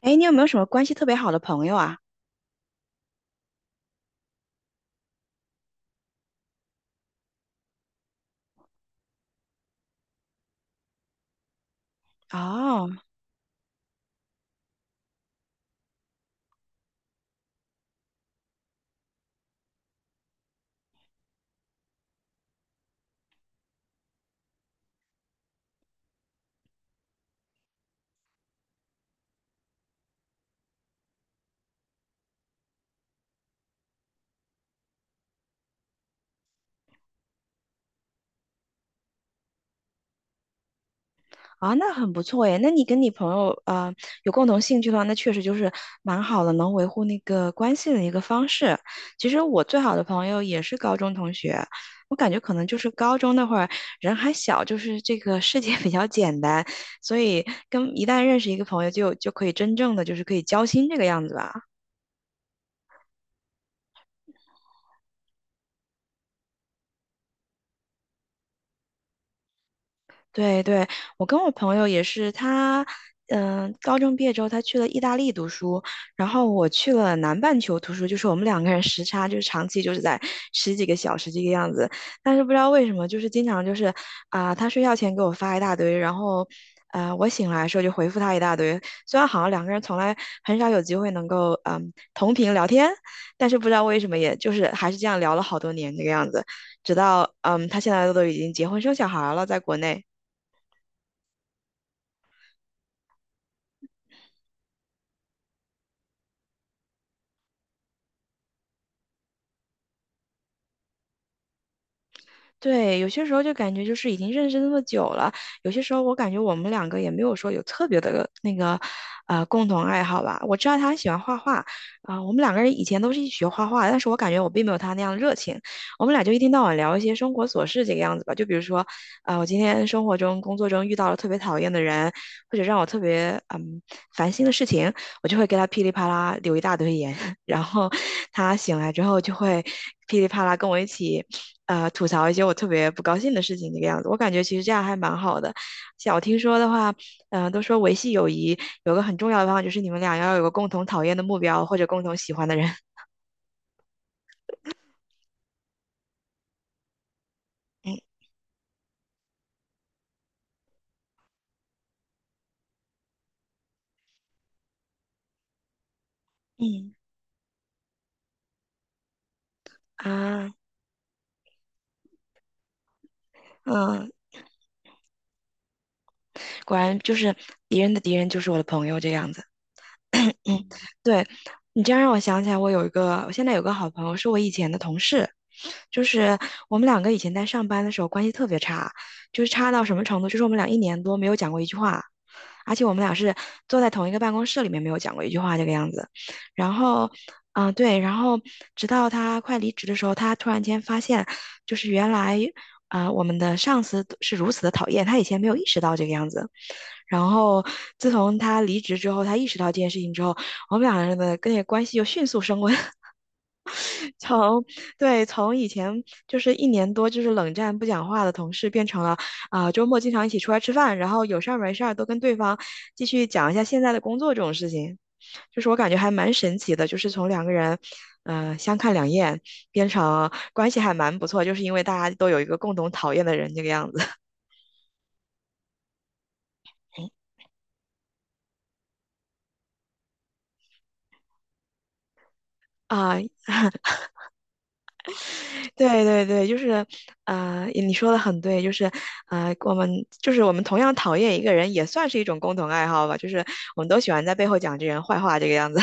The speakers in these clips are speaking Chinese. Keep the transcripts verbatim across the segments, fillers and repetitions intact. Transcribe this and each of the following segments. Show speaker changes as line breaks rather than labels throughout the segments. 哎，你有没有什么关系特别好的朋友啊？哦，啊，那很不错耶。那你跟你朋友呃有共同兴趣的话，那确实就是蛮好的，能维护那个关系的一个方式。其实我最好的朋友也是高中同学，我感觉可能就是高中那会儿人还小，就是这个世界 比较简单，所以跟一旦认识一个朋友就就可以真正的就是可以交心这个样子吧。对对，我跟我朋友也是，他嗯、高中毕业之后他去了意大利读书，然后我去了南半球读书，就是我们两个人时差就是长期就是在十几个小时这个样子，但是不知道为什么，就是经常就是啊、他睡觉前给我发一大堆，然后呃，我醒来的时候就回复他一大堆，虽然好像两个人从来很少有机会能够嗯、同频聊天，但是不知道为什么，也就是还是这样聊了好多年这个样子，直到嗯、他现在都已经结婚生小孩了，在国内。对，有些时候就感觉就是已经认识那么久了，有些时候我感觉我们两个也没有说有特别的那个，呃，共同爱好吧。我知道他喜欢画画，啊、我们两个人以前都是一起学画画，但是我感觉我并没有他那样热情。我们俩就一天到晚聊一些生活琐事这个样子吧，就比如说，啊，我今天生活中、工作中遇到了特别讨厌的人，或者让我特别嗯烦心的事情，我就会给他噼里啪啦留一大堆言，然后他醒来之后就会噼里啪啦跟我一起。呃吐槽一些我特别不高兴的事情这个样子。我感觉其实这样还蛮好的。像我听说的话，嗯、都说维系友谊有个很重要的方法，就是你们俩要有个共同讨厌的目标或者共同喜欢的人。嗯嗯啊嗯，果然就是敌人的敌人就是我的朋友这样子。嗯，嗯对，你这样让我想起来，我有一个，我现在有个好朋友，是我以前的同事，就是我们两个以前在上班的时候关系特别差，就是差到什么程度，就是我们俩一年多没有讲过一句话，而且我们俩是坐在同一个办公室里面，没有讲过一句话这个样子。然后，嗯、对，然后直到他快离职的时候，他突然间发现，就是原来，啊、我们的上司是如此的讨厌，他以前没有意识到这个样子。然后，自从他离职之后，他意识到这件事情之后，我们两个人的跟那个关系就迅速升温。从对，从以前就是一年多就是冷战不讲话的同事，变成了啊、周末经常一起出来吃饭，然后有事儿没事儿都跟对方继续讲一下现在的工作这种事情，就是我感觉还蛮神奇的，就是从两个人呃相看两厌变成关系还蛮不错，就是因为大家都有一个共同讨厌的人这个样子。啊，对对对，就是，呃，你说的很对，就是，呃，我们就是我们同样讨厌一个人，也算是一种共同爱好吧，就是我们都喜欢在背后讲这人坏话这个样子。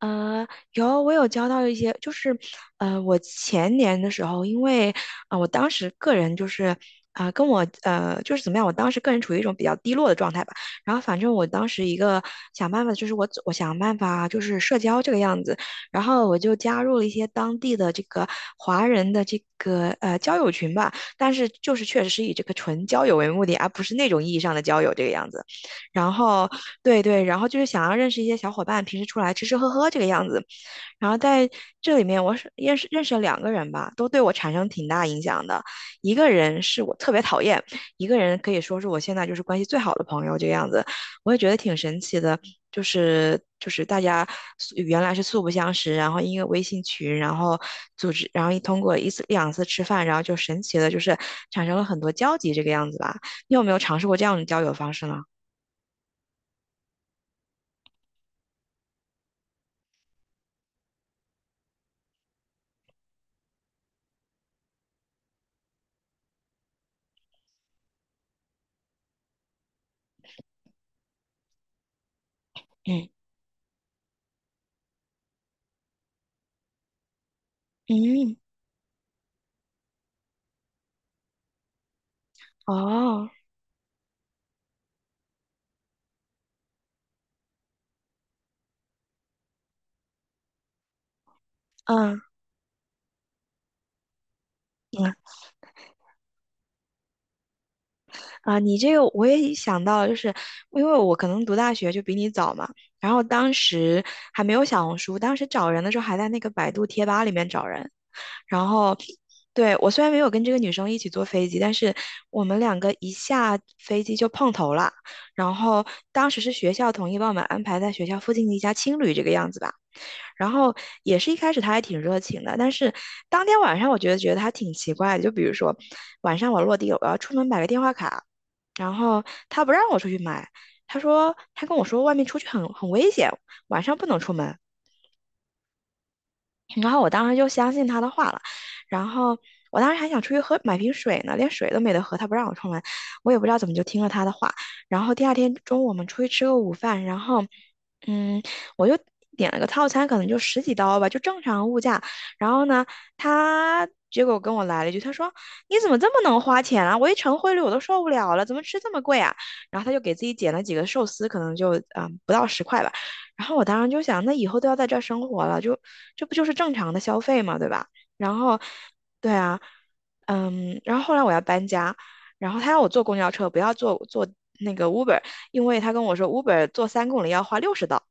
呃，有，我有交到一些，就是，呃，我前年的时候，因为，啊、我当时个人就是，啊、跟我，呃，就是怎么样，我当时个人处于一种比较低落的状态吧。然后反正我当时一个想办法，就是我我想办法就是社交这个样子，然后我就加入了一些当地的这个华人的这个呃交友群吧，但是就是确实是以这个纯交友为目的，而不是那种意义上的交友这个样子。然后对对，然后就是想要认识一些小伙伴，平时出来吃吃喝喝这个样子。然后在这里面，我是认识认识了两个人吧，都对我产生挺大影响的。一个人是我特别讨厌，一个人可以说是我现在就是关系最好的朋友这个样子。我也觉得挺神奇的，就是就是大家素原来是素不相识，然后因为微信群，然后组织，然后一通过一次两次吃饭，然后就神奇的就是产生了很多交集这个样子吧。你有没有尝试过这样的交友方式呢？嗯嗯。哦，嗯嗯啊，你这个我也想到，就是因为我可能读大学就比你早嘛，然后当时还没有小红书，当时找人的时候还在那个百度贴吧里面找人，然后对我虽然没有跟这个女生一起坐飞机，但是我们两个一下飞机就碰头了，然后当时是学校统一帮我们安排在学校附近的一家青旅这个样子吧，然后也是一开始他还挺热情的，但是当天晚上我觉得觉得他挺奇怪的，就比如说晚上我落地了我要出门买个电话卡，然后他不让我出去买，他说他跟我说外面出去很很危险，晚上不能出门。然后我当时就相信他的话了，然后我当时还想出去喝买瓶水呢，连水都没得喝，他不让我出门，我也不知道怎么就听了他的话。然后第二天中午我们出去吃个午饭，然后嗯，我就点了个套餐，可能就十几刀吧，就正常物价。然后呢，他结果跟我来了一句，他说：“你怎么这么能花钱啊？我一乘汇率我都受不了了，怎么吃这么贵啊？”然后他就给自己点了几个寿司，可能就嗯不到十块吧。然后我当时就想，那以后都要在这儿生活了，就这不就是正常的消费嘛，对吧？然后，对啊，嗯，然后后来我要搬家，然后他要我坐公交车，不要坐坐那个 Uber，因为他跟我说 Uber 坐三公里要花六十刀。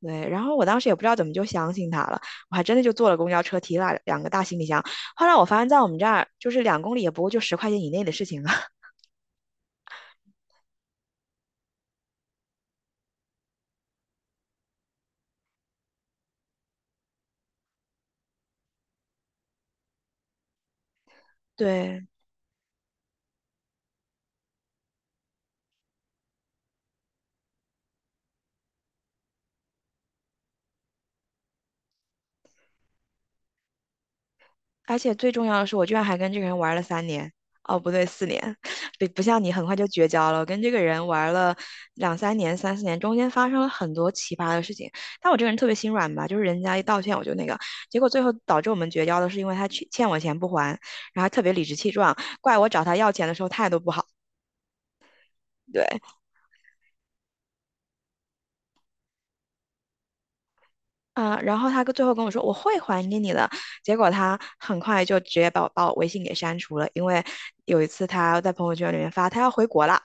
对，然后我当时也不知道怎么就相信他了，我还真的就坐了公交车，提了两个大行李箱。后来我发现，在我们这儿就是两公里也不过就十块钱以内的事情了，对，而且最重要的是，我居然还跟这个人玩了三年，哦，不对，四年，不不像你很快就绝交了。我跟这个人玩了两三年、三四年，中间发生了很多奇葩的事情。但我这个人特别心软吧，就是人家一道歉我就那个，结果最后导致我们绝交的是因为他欠欠我钱不还，然后还特别理直气壮，怪我找他要钱的时候态度不好。对，啊、然后他最后跟我说我会还给你的，结果他很快就直接把我把我微信给删除了，因为有一次他在朋友圈里面发他要回国了，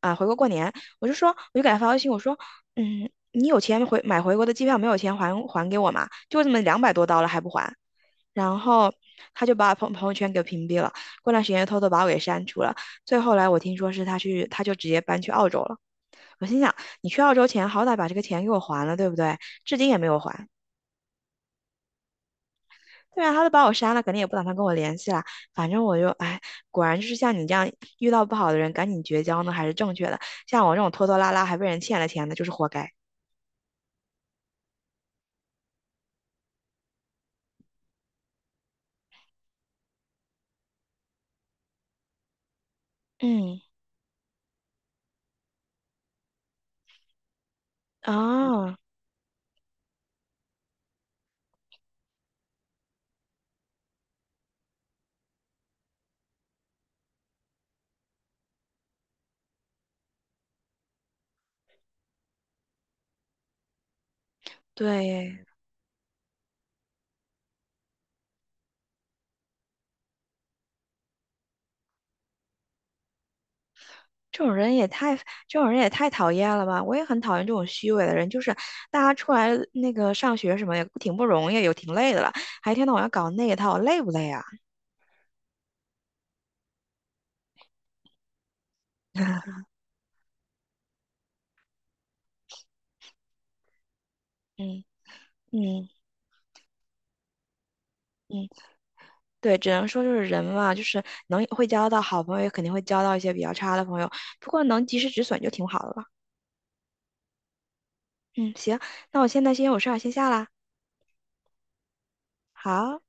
啊、回国过年，我就说我就给他发微信，我说嗯，你有钱回买回国的机票，没有钱还还给我嘛？就这么两百多刀了还不还，然后他就把我朋朋友圈给屏蔽了，过段时间又偷偷把我给删除了，最后来我听说是他去他就直接搬去澳洲了，我心想你去澳洲前好歹把这个钱给我还了，对不对？至今也没有还。对啊，他都把我删了，肯定也不打算跟我联系了。反正我就，哎，果然就是像你这样遇到不好的人，赶紧绝交呢，还是正确的。像我这种拖拖拉拉还被人欠了钱的，就是活该。嗯，啊，对这种人也太，这种人也太讨厌了吧！我也很讨厌这种虚伪的人，就是大家出来那个上学什么也挺不容易，也挺累的了，还一天到晚要搞那一套，累不累啊？嗯嗯嗯。对，只能说就是人嘛，就是能会交到好朋友，也肯定会交到一些比较差的朋友。不过能及时止损就挺好的了。嗯，行，那我现在先有事儿先下啦。好。